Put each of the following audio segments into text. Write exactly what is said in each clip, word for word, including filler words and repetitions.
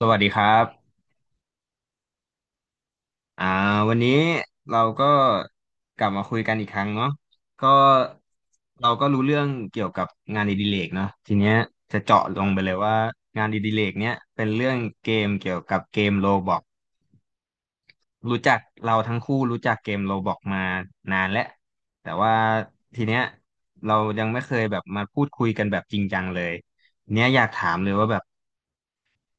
สวัสดีครับอ่าวันนี้เราก็กลับมาคุยกันอีกครั้งเนาะก็เราก็รู้เรื่องเกี่ยวกับงานอดิเรกเนาะทีเนี้ยจะเจาะลงไปเลยว่างานอดิเรกเนี้ยเป็นเรื่องเกมเกี่ยวกับเกมโรบล็อกรู้จักเราทั้งคู่รู้จักเกมโรบล็อกมานานแล้วแต่ว่าทีเนี้ยเรายังไม่เคยแบบมาพูดคุยกันแบบจริงจังเลยเนี้ยอยากถามเลยว่าแบบ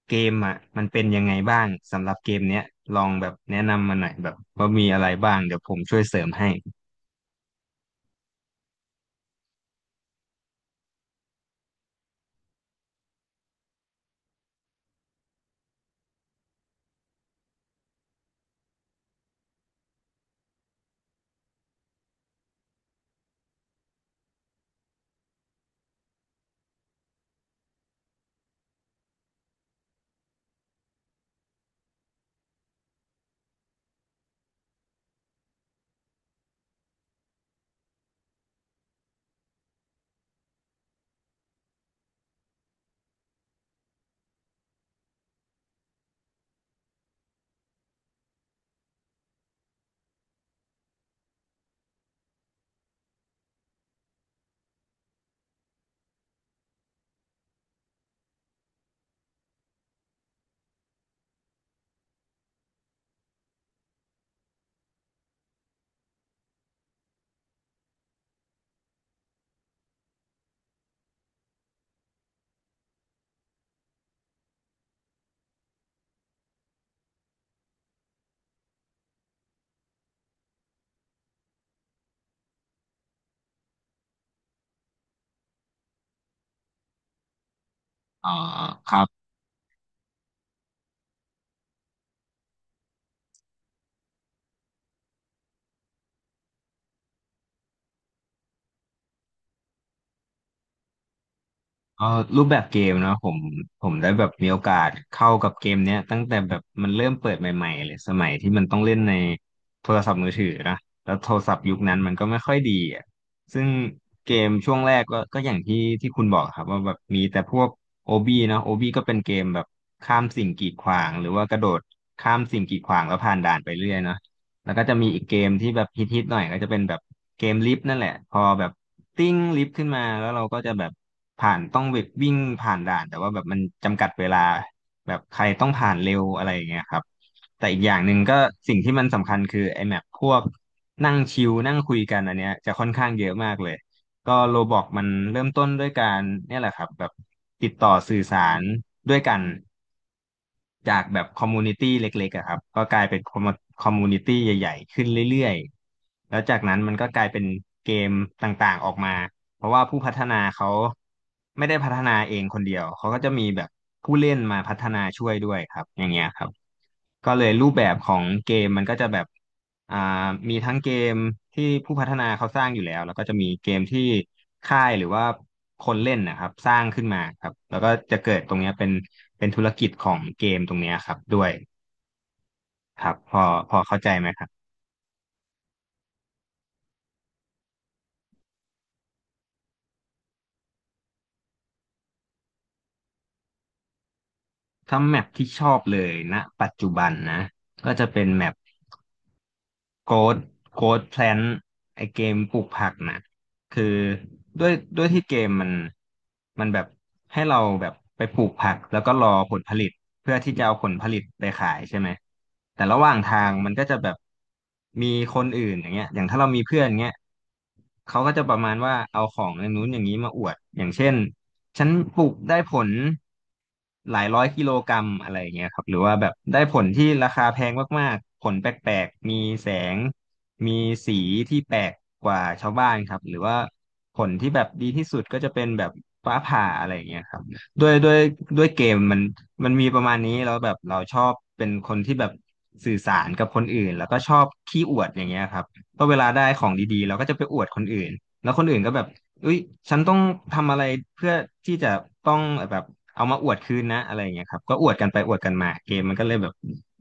เกมอ่ะมันเป็นยังไงบ้างสำหรับเกมเนี้ยลองแบบแนะนำมาหน่อยแบบว่ามีอะไรบ้างเดี๋ยวผมช่วยเสริมให้อ่อครับ เออรูปแบบเกมเนาะผมผมได้แบบมีโอกาสเข้ากับเกมเนี้ยตั้งแต่แบบมันเริ่มเปิดใหม่ๆเลยสมัยที่มันต้องเล่นในโทรศัพท์มือถือนะแล้วโทรศัพท์ยุคนั้นมันก็ไม่ค่อยดีอ่ะซึ่งเกมช่วงแรกก็ก็อย่างที่ที่คุณบอกครับว่าแบบมีแต่พวกโอบีเนาะโอบีก็เป็นเกมแบบข้ามสิ่งกีดขวางหรือว่ากระโดดข้ามสิ่งกีดขวางแล้วผ่านด่านไปเรื่อยเนาะ แล้วก็จะมีอีกเกมที่แบบฮิตๆหน่อยก็จะเป็นแบบเกมลิฟต์นั่นแหละพอแบบติ้งลิฟต์ขึ้นมาแล้วเราก็จะแบบผ่านต้องแบบวิ่งผ่านด่านแต่ว่าแบบมันจำกัดเวลาแบบใครต้องผ่านเร็วอะไรอย่างเงี้ยครับแต่อีกอย่างหนึ่งก็สิ่งที่มันสำคัญคือไอ้แมปพวกนั่งชิลนั่งคุยกันอันเนี้ยจะค่อนข้างเยอะมากเลยก็โรบอกมันเริ่มต้นด้วยการเนี่ยแหละครับแบบติดต่อสื่อสารด้วยกัน จากแบบคอมมูนิตี้เล็กๆอะครับก็กลายเป็นคอมคอมมูนิตี้ใหญ่ๆขึ้นเรื่อยๆแล้วจากนั้นมันก็กลายเป็นเกมต่างๆออกมาเพราะว่าผู้พัฒนาเขาไม่ได้พัฒนาเองคนเดียวเขาก็จะมีแบบผู้เล่นมาพัฒนาช่วยด้วยครับอย่างเงี้ยครับ ก็เลยรูปแบบของเกมมันก็จะแบบอ่ามีทั้งเกมที่ผู้พัฒนาเขาสร้างอยู่แล้วแล้วก็จะมีเกมที่ค่ายหรือว่าคนเล่นนะครับสร้างขึ้นมาครับแล้วก็จะเกิดตรงเนี้ยเป็นเป็นธุรกิจของเกมตรงเนี้ยครับด้วยครับพอพอเข้าใจไหมครับถ้าแมปที่ชอบเลยณปัจจุบันนะก็จะเป็นแมป โกดโกดแพลนไอเกมปลูกผักนะคือด้วยด้วยที่เกมมันมันแบบให้เราแบบไปปลูกผักแล้วก็รอผลผลิต เพื่อที่จะเอาผลผลิตไปขายใช่ไหม แต่ระหว่างทางมันก็จะแบบมีคนอื่นอย่างเงี้ยอย่างถ้าเรามีเพื่อนเงี้ยเขาก็จะประมาณว่าเอาของอย่างนู้นอย่างนี้มาอวด อย่างเช่นฉันปลูกได้ผลหลายร้อยกิโลกรัมอะไรอย่างเงี้ยครับหรือว่าแบบได้ผลที่ราคาแพงมากๆผลแปลกๆ มีแสงมีสีที่แปลกกว่าชาวบ้านครับหรือว่าผลที่แบบดีที่สุดก็จะเป็นแบบฟ้าผ่าอะไรอย่างเงี้ยครับ ด้วยด้วยด้วยเกมมันมันมีประมาณนี้แล้วแบบเราชอบเป็นคนที่แบบสื่อสารกับคนอื่นแล้วก็ชอบขี้อวดอย่างเงี้ยครับเพราะเวลาได้ของดีๆเราก็จะไปอวดคนอื่นแล้วคนอื่นก็แบบเอ้ยฉันต้องทำอะไรเพื่อที่จะต้องแบบเอามาอวดคืนนะอะไรอย่างเงี้ยครับก็อวดกันไปอวดกันมาเกมมันก็เลยแบบ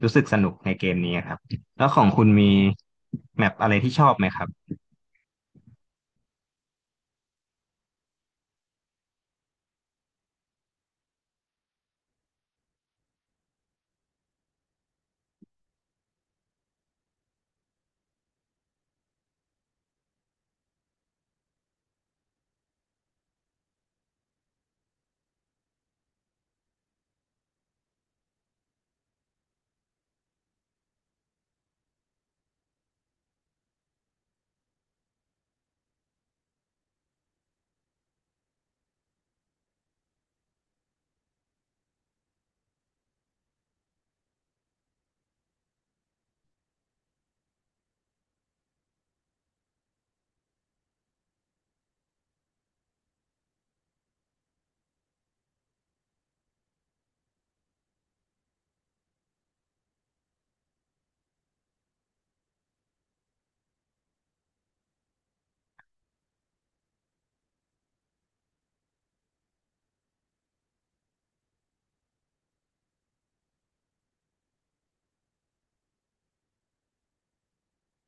รู้สึกสนุกในเกมนี้ครับแล้วของคุณมีแมปอะไรที่ชอบไหมครับ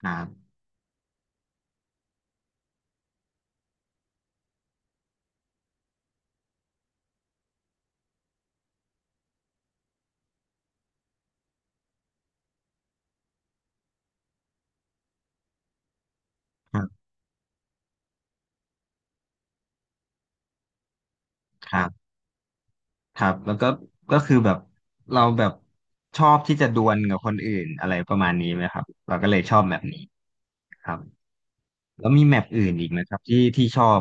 ครับครับครับ ครับแล้วก็ก็คือแบบเราแบบชอบที่จะดวลกับคนอื่นอะไรประมาณนี้ไหมครับเราก็เลยชอบแบบนี้ครับแล้วมีแมปอื่นอีกไหมครับที่ที่ชอบ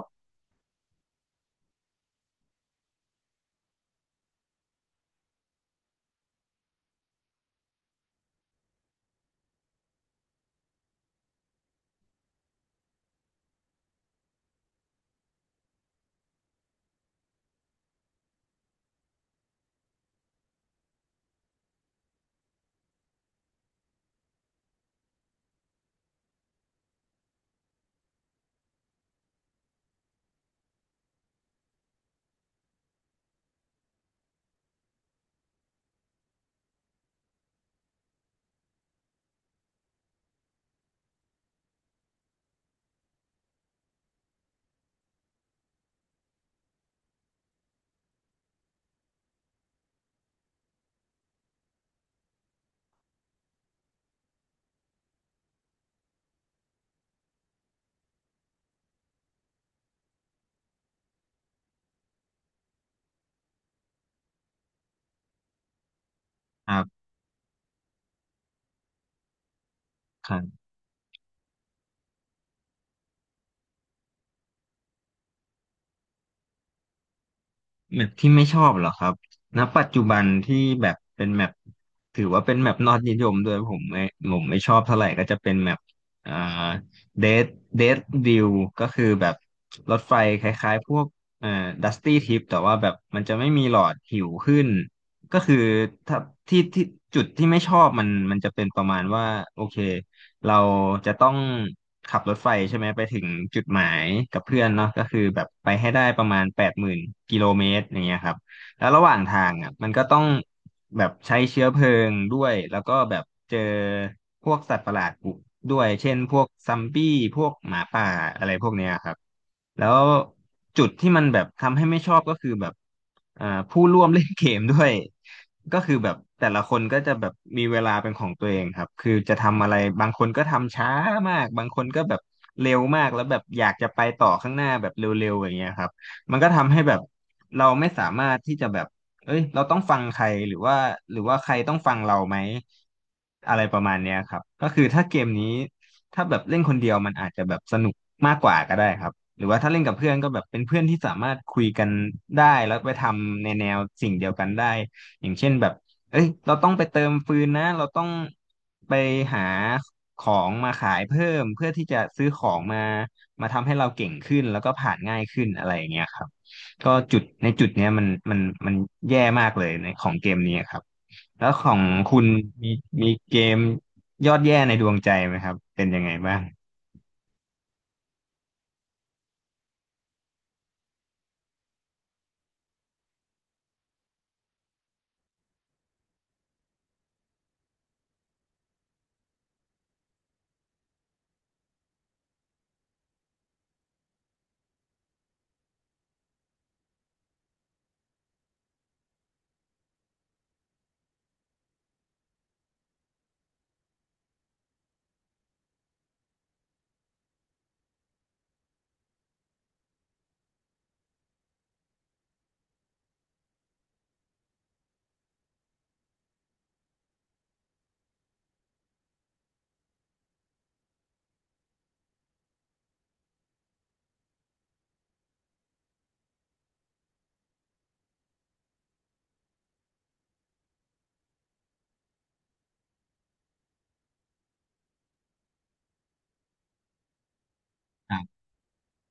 ครับ แมปที่ไม่ชอบเหรอครับณปัจจุบันที่แบบเป็นแมปถือว่าเป็นแมปนอดนิยมด้วยผมไม่ผมไม่ชอบเท่าไหร่ก็จะเป็นแมปอ่าเดดเดดดิวก็คือแบบรถไฟคล้ายๆพวกเอ่อดัสตี้ทริปแต่ว่าแบบมันจะไม่มีหลอดหิวขึ้นก็คือถ้าที่ที่จุดที่ไม่ชอบมันมันจะเป็นประมาณว่าโอเค เราจะต้องขับรถไฟใช่ไหมไปถึงจุดหมายกับเพื่อนเนาะก็คือแบบไปให้ได้ประมาณแปดหมื่นกิโลเมตรอย่างเงี้ยครับแล้วระหว่างทางอ่ะมันก็ต้อง แบบใช้เชื้อเพลิงด้วยแล้วก็แบบเจอพวกสัตว์ประหลาดบุกด้วยเช่นพวกซัมบี้พวกหมาป่าอะไรพวกเนี้ยครับแล้วจุดที่มันแบบทำให้ไม่ชอบก็คือแบบอ่าผู้ร่วมเล่นเกมด้วยก็คือแบบแต่ละคนก็จะแบบมีเวลาเป็นของตัวเองครับคือจะทำอะไรบางคนก็ทำช้ามากบางคนก็แบบเร็วมากแล้วแบบอยากจะไปต่อข้างหน้าแบบเร็วๆอย่างเงี้ยครับมันก็ทำให้แบบเราไม่สามารถที่จะแบบ เอ้ยเราต้องฟังใครหรือว่าหรือว่าใครต้องฟังเราไหมอะไรประมาณเนี้ยครับก็คือถ้าเกมนี้ถ้าแบบเล่นคนเดียวมันอาจจะแบบสนุกมากกว่าก็ได้ครับหรือว่าถ้าเล่นกับเพื่อนก็แบบเป็นเพื่อนที่สามารถคุยกันได้แล้วไปทำในแนวสิ่งเดียวกันได้อย่างเช่นแบบเอ้ยเราต้องไปเติมฟืนนะเราต้องไปหาของมาขายเพิ่มเพื่อที่จะซื้อของมามาทำให้เราเก่งขึ้นแล้วก็ผ่านง่ายขึ้นอะไรอย่างเงี้ยครับ ก็จุดในจุดเนี้ยมันมันมันแย่มากเลยในของเกมนี้ครับแล้วของคุณมีมีเกมยอดแย่ในดวงใจไหมครับเป็นยังไงบ้าง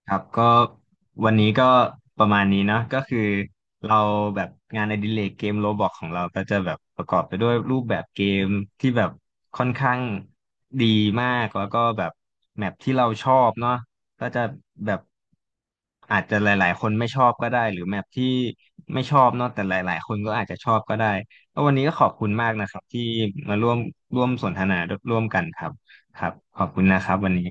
ครับก็วันนี้ก็ประมาณนี้เนาะก็คือเราแบบงานอดิเรกเกมโรบล็อกของเราก็จะแบบประกอบไปด้วยรูปแบบเกมที่แบบค่อนข้างดีมากแล้วก็แบบแมปที่เราชอบเนาะก็จะแบบอาจจะหลายๆคนไม่ชอบก็ได้หรือแมปที่ไม่ชอบเนาะแต่หลายๆคนก็อาจจะชอบก็ได้แล้ววันนี้ก็ขอบคุณมากนะครับที่มาร่วมร่วมสนทนาร่วมกันครับครับขอบคุณนะครับวันนี้